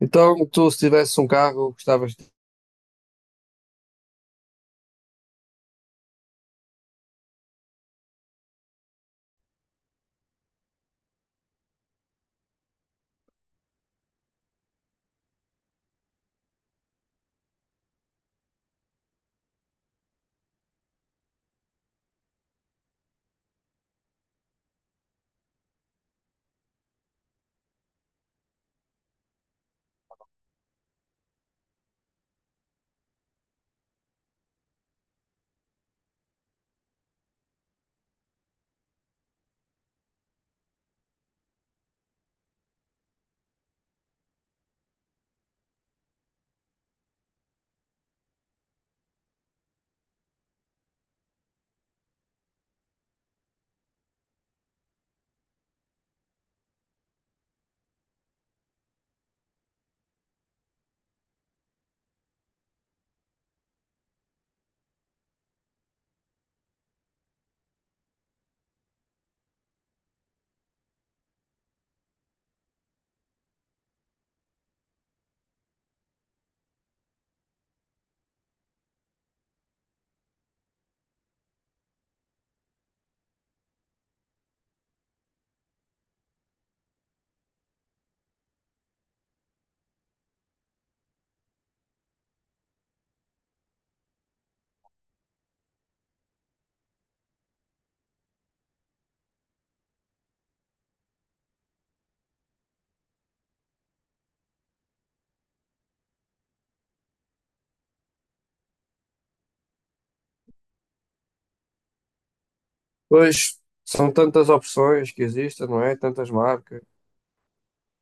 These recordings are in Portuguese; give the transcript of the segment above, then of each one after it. Então, tu se tivesse um carro, gostavas de... Pois, são tantas opções que existem, não é? Tantas marcas,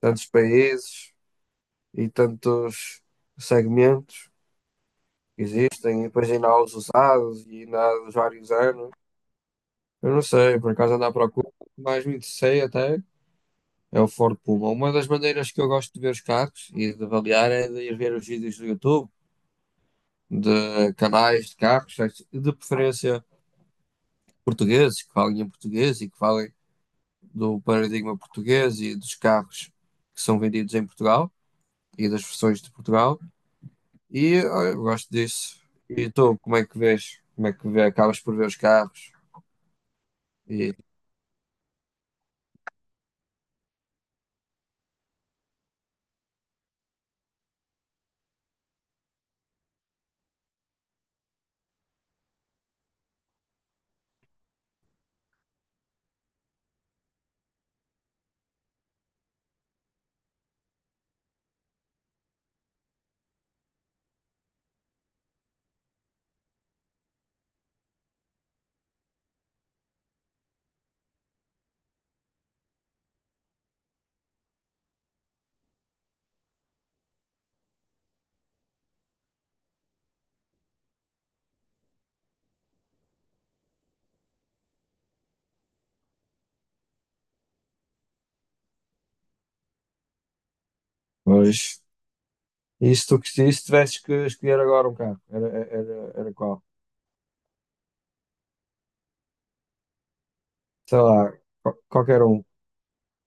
tantos países e tantos segmentos que existem. E depois ainda há os usados e ainda há os vários anos. Eu não sei, por acaso ando à procura. O que mais me interessei até é o Ford Puma. Uma das maneiras que eu gosto de ver os carros e de avaliar é de ir ver os vídeos do YouTube, de canais de carros, de preferência portugueses, que falem em português e que falem do paradigma português e dos carros que são vendidos em Portugal e das versões de Portugal. E olha, eu gosto disso. E tu, como é que vês? Como é que vê? Acabas por ver os carros? E pois. E se tivesses que escolher agora um carro, era qual? Sei lá, qualquer um,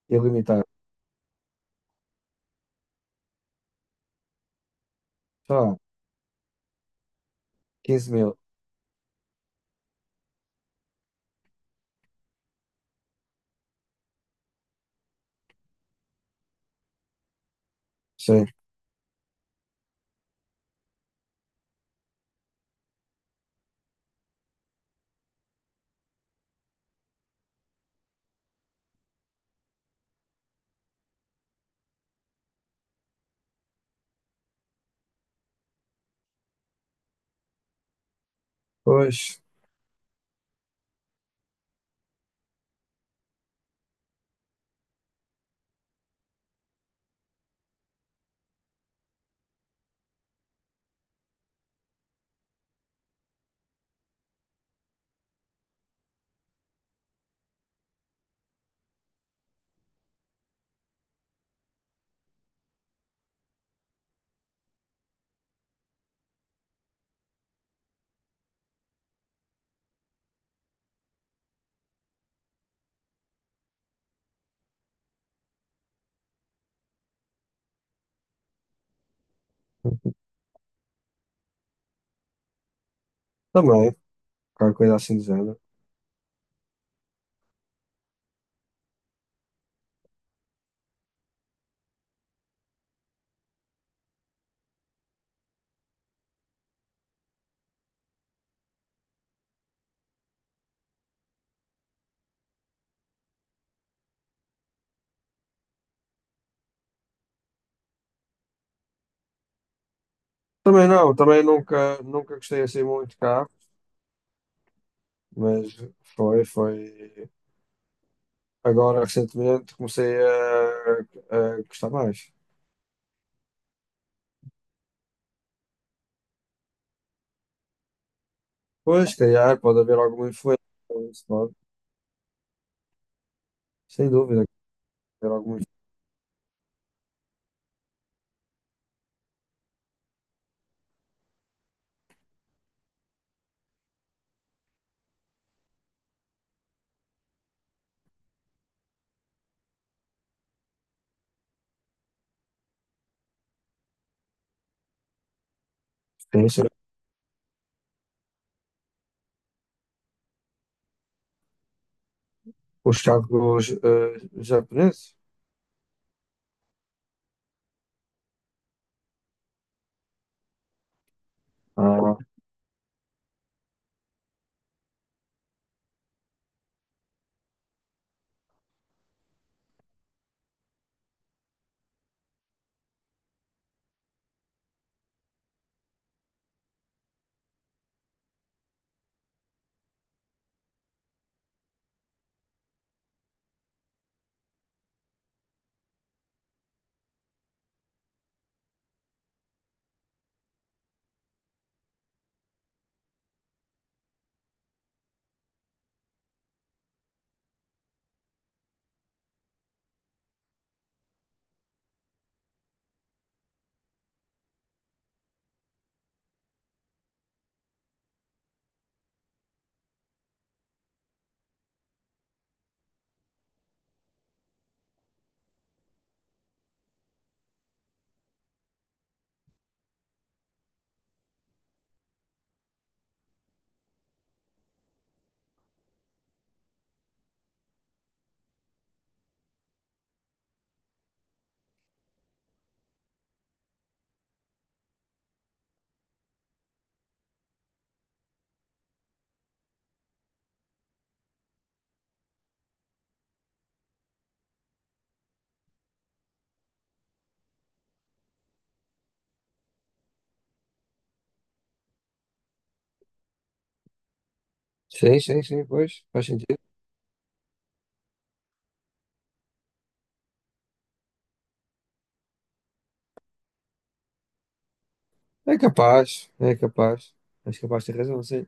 ilimitado. Sei lá, 15 mil. Sei. Pois, também, qualquer coisa assim do género. Também não, também nunca, nunca gostei assim muito de carro, mas foi. Agora, recentemente, comecei a gostar mais. Pois, se calhar, pode haver alguma influência, isso pode, sem dúvida, haver alguma influência. Os carros japoneses? Ah, sim, sim, sim, pois, faz sentido. É capaz, é capaz. És capaz de ter razão, sim.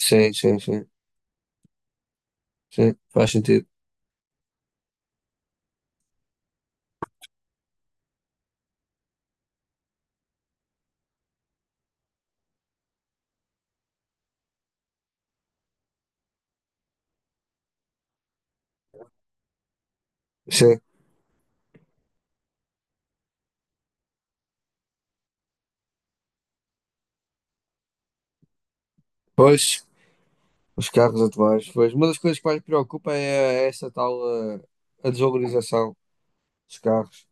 Sim, sim, sim, sim, faz sentido. Sim, pois. Os carros atuais, pois. Uma das coisas que mais me preocupa é essa tal eh, a, desvalorização dos carros.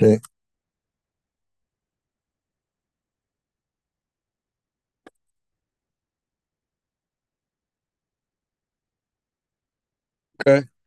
Sim. Ok.